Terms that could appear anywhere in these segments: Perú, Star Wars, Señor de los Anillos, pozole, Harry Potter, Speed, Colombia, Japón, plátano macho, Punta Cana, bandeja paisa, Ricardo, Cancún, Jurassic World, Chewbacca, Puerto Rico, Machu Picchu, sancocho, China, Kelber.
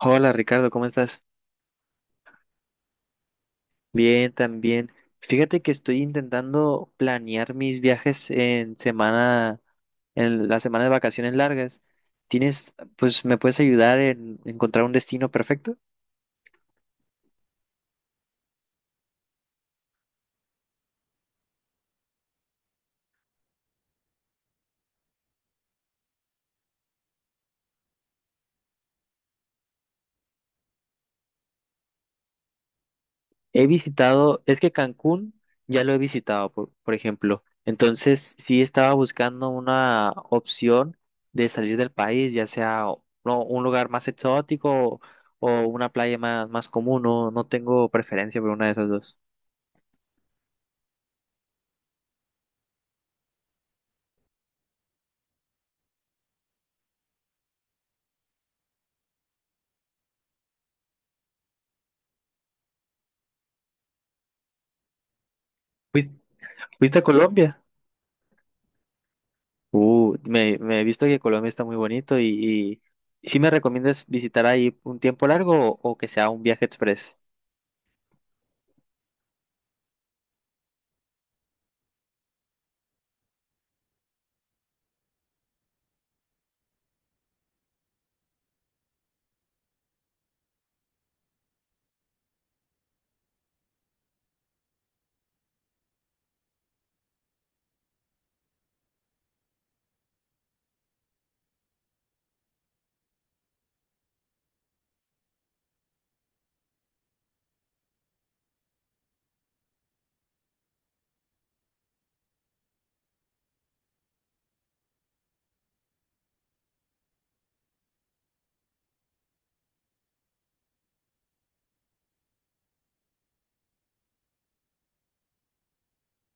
Hola Ricardo, ¿cómo estás? Bien, también. Fíjate que estoy intentando planear mis viajes en la semana de vacaciones largas. ¿Pues, me puedes ayudar en encontrar un destino perfecto? Es que Cancún ya lo he visitado, por ejemplo. Entonces, sí estaba buscando una opción de salir del país, ya sea no, un lugar más exótico o una playa más común. No, no tengo preferencia por una de esas dos. ¿Fuis- ¿Fuiste a Colombia? Me he visto que Colombia está muy bonito y ¿sí me recomiendas visitar ahí un tiempo largo o que sea un viaje express?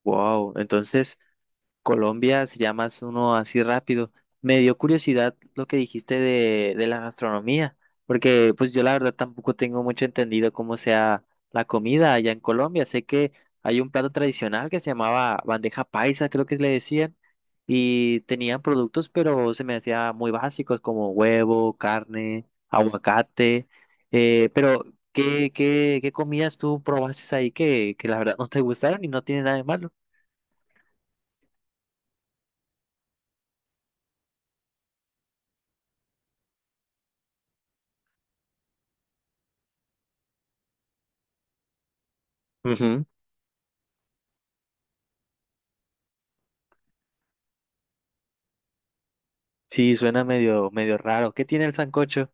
Wow, entonces Colombia, si llamas uno así rápido. Me dio curiosidad lo que dijiste de la gastronomía, porque pues yo la verdad tampoco tengo mucho entendido cómo sea la comida allá en Colombia. Sé que hay un plato tradicional que se llamaba bandeja paisa, creo que le decían, y tenían productos, pero se me hacía muy básicos como huevo, carne, aguacate, pero ¿qué comidas tú probaste ahí que la verdad no te gustaron y no tiene nada de malo? Sí, suena medio, medio raro. ¿Qué tiene el sancocho?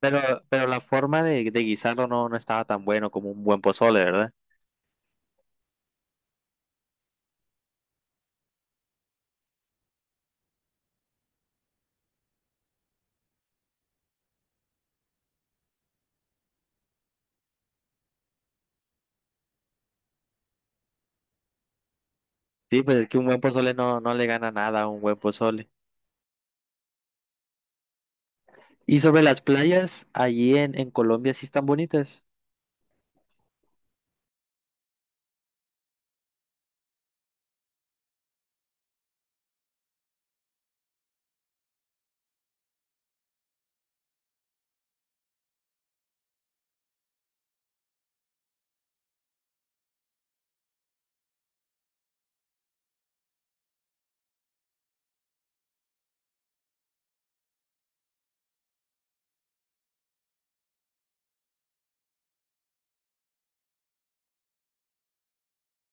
Pero, pero la forma de guisarlo no estaba tan bueno como un buen pozole, ¿verdad? Sí, pues es que un buen pozole no le gana nada a un buen pozole. Y sobre las playas, allí en Colombia sí están bonitas.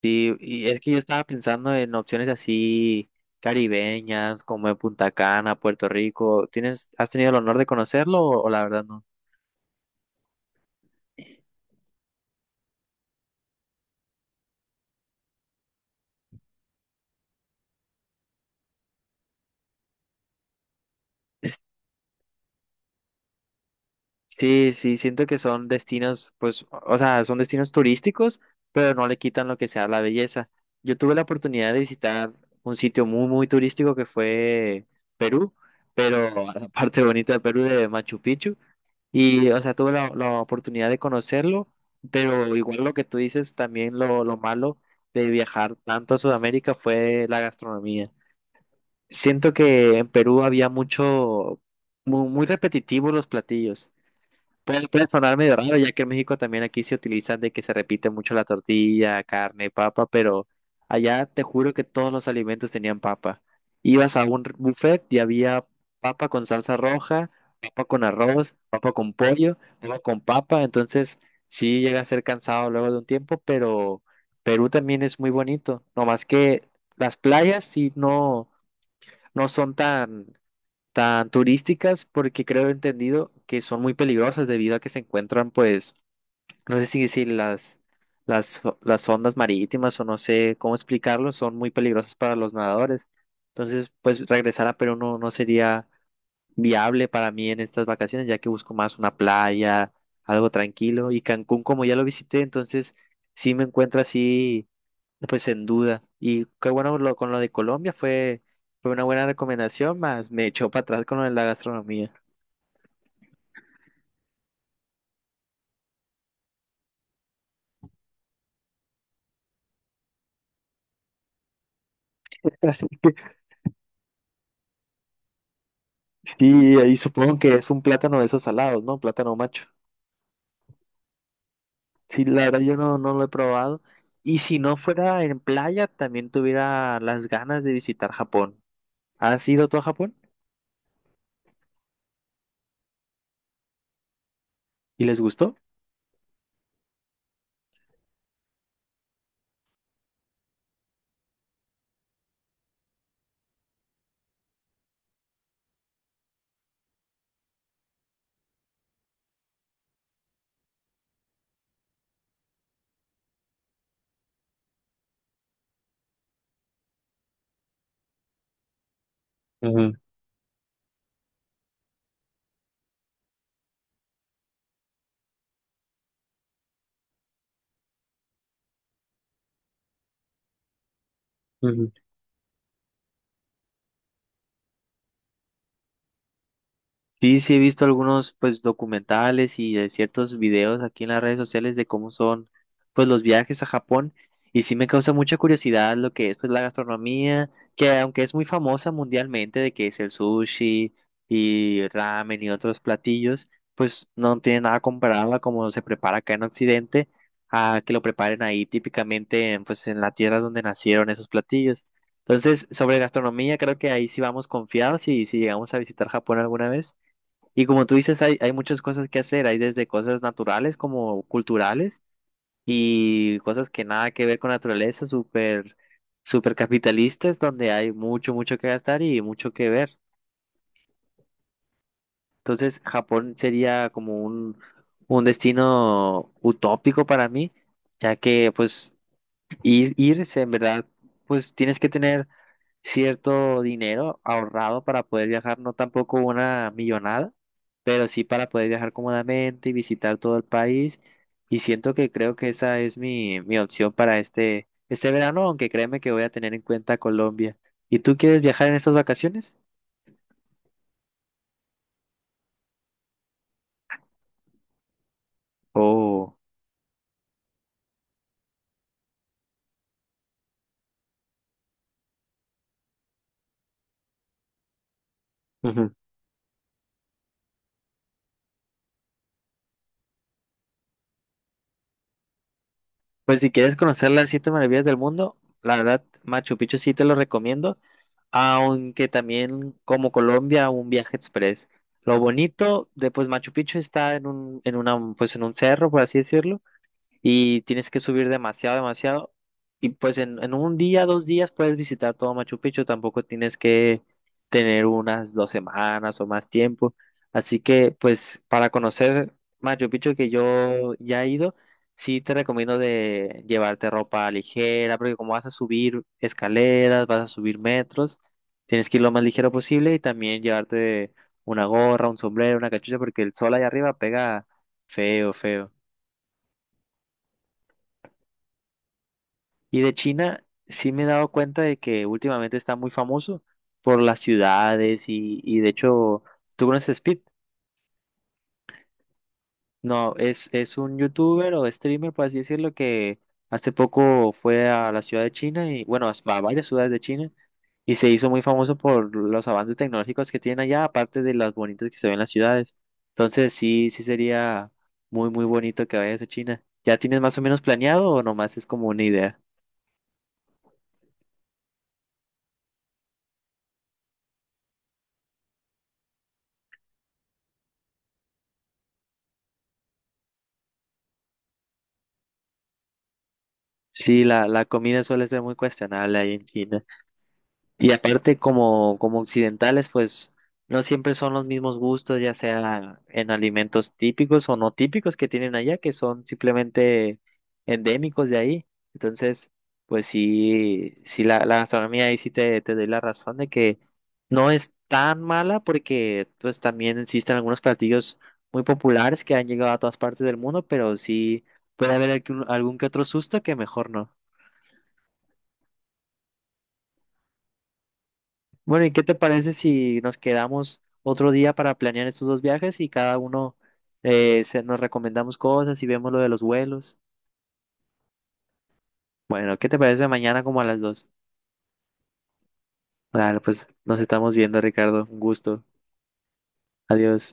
Sí, y es que yo estaba pensando en opciones así caribeñas, como en Punta Cana, Puerto Rico. ¿Has tenido el honor de conocerlo o la verdad no? Sí, sí, siento que son destinos, pues, o sea, son destinos turísticos, pero no le quitan lo que sea la belleza. Yo tuve la oportunidad de visitar un sitio muy, muy turístico que fue Perú, pero la parte bonita de Perú de Machu Picchu. Y, o sea, tuve la oportunidad de conocerlo, pero igual lo que tú dices, también lo malo de viajar tanto a Sudamérica fue la gastronomía. Siento que en Perú había muy, muy repetitivos los platillos. Puede sonar medio raro, ya que en México también aquí se utilizan de que se repite mucho la tortilla, carne, papa, pero allá te juro que todos los alimentos tenían papa. Ibas a un buffet y había papa con salsa roja, papa con arroz, papa con pollo, papa con papa, entonces sí llega a ser cansado luego de un tiempo, pero Perú también es muy bonito, no más que las playas sí no son tan turísticas porque creo he entendido que son muy peligrosas debido a que se encuentran, pues, no sé si decir las ondas marítimas o no sé cómo explicarlo, son muy peligrosas para los nadadores. Entonces, pues, regresar a Perú no sería viable para mí en estas vacaciones, ya que busco más una playa, algo tranquilo. Y Cancún, como ya lo visité, entonces sí me encuentro así pues en duda. Y qué bueno con lo de Colombia fue una buena recomendación, más me echó para atrás con lo de la gastronomía. Y ahí supongo que es un plátano de esos salados, ¿no? Plátano macho. Sí, la verdad yo no lo he probado. Y si no fuera en playa, también tuviera las ganas de visitar Japón. ¿Has ido tú a Japón? ¿Y les gustó? Ujú, ujú. Sí, sí he visto algunos pues documentales y ciertos videos aquí en las redes sociales de cómo son pues los viajes a Japón y sí me causa mucha curiosidad lo que es pues la gastronomía, que aunque es muy famosa mundialmente de que es el sushi y ramen y otros platillos, pues no tiene nada comparado a cómo se prepara acá en Occidente a que lo preparen ahí típicamente pues en la tierra donde nacieron esos platillos. Entonces, sobre gastronomía, creo que ahí sí vamos confiados y si llegamos a visitar Japón alguna vez. Y como tú dices, hay muchas cosas que hacer, hay desde cosas naturales como culturales y cosas que nada que ver con la naturaleza, súper, súper capitalistas, donde hay mucho, mucho que gastar y mucho que ver. Entonces, Japón sería como un destino utópico para mí, ya que pues irse, en verdad, pues tienes que tener cierto dinero ahorrado para poder viajar, no tampoco una millonada, pero sí para poder viajar cómodamente y visitar todo el país. Y siento que creo que esa es mi opción para este verano, aunque créeme que voy a tener en cuenta Colombia. ¿Y tú quieres viajar en estas vacaciones? Oh. Ujú. Pues si quieres conocer las siete maravillas del mundo, la verdad, Machu Picchu sí te lo recomiendo, aunque también como Colombia, un viaje express. Lo bonito de pues Machu Picchu está en un, en una, pues en un cerro, por así decirlo, y tienes que subir demasiado, demasiado. Y pues en un día, 2 días puedes visitar todo Machu Picchu, tampoco tienes que tener unas 2 semanas o más tiempo. Así que pues para conocer Machu Picchu que yo ya he ido, sí te recomiendo de llevarte ropa ligera, porque como vas a subir escaleras, vas a subir metros, tienes que ir lo más ligero posible y también llevarte una gorra, un sombrero, una cachucha, porque el sol allá arriba pega feo, feo. Y de China sí me he dado cuenta de que últimamente está muy famoso por las ciudades y de hecho, ¿tú conoces Speed? No, es un youtuber o streamer, por así decirlo, que hace poco fue a la ciudad de China y bueno, a varias ciudades de China y se hizo muy famoso por los avances tecnológicos que tienen allá, aparte de las bonitas que se ven en las ciudades. Entonces sí, sí sería muy, muy bonito que vayas a China. ¿Ya tienes más o menos planeado o nomás es como una idea? Sí, la comida suele ser muy cuestionable ahí en China. Y aparte, como occidentales, pues no siempre son los mismos gustos, ya sea en alimentos típicos o no típicos que tienen allá, que son simplemente endémicos de ahí. Entonces, pues sí, sí la gastronomía ahí sí te doy la razón de que no es tan mala porque pues también existen algunos platillos muy populares que han llegado a todas partes del mundo, pero sí puede haber algún que otro susto que mejor no. Bueno, ¿y qué te parece si nos quedamos otro día para planear estos dos viajes y cada uno nos recomendamos cosas y vemos lo de los vuelos? Bueno, ¿qué te parece mañana como a las 2? Vale, pues nos estamos viendo, Ricardo. Un gusto. Adiós.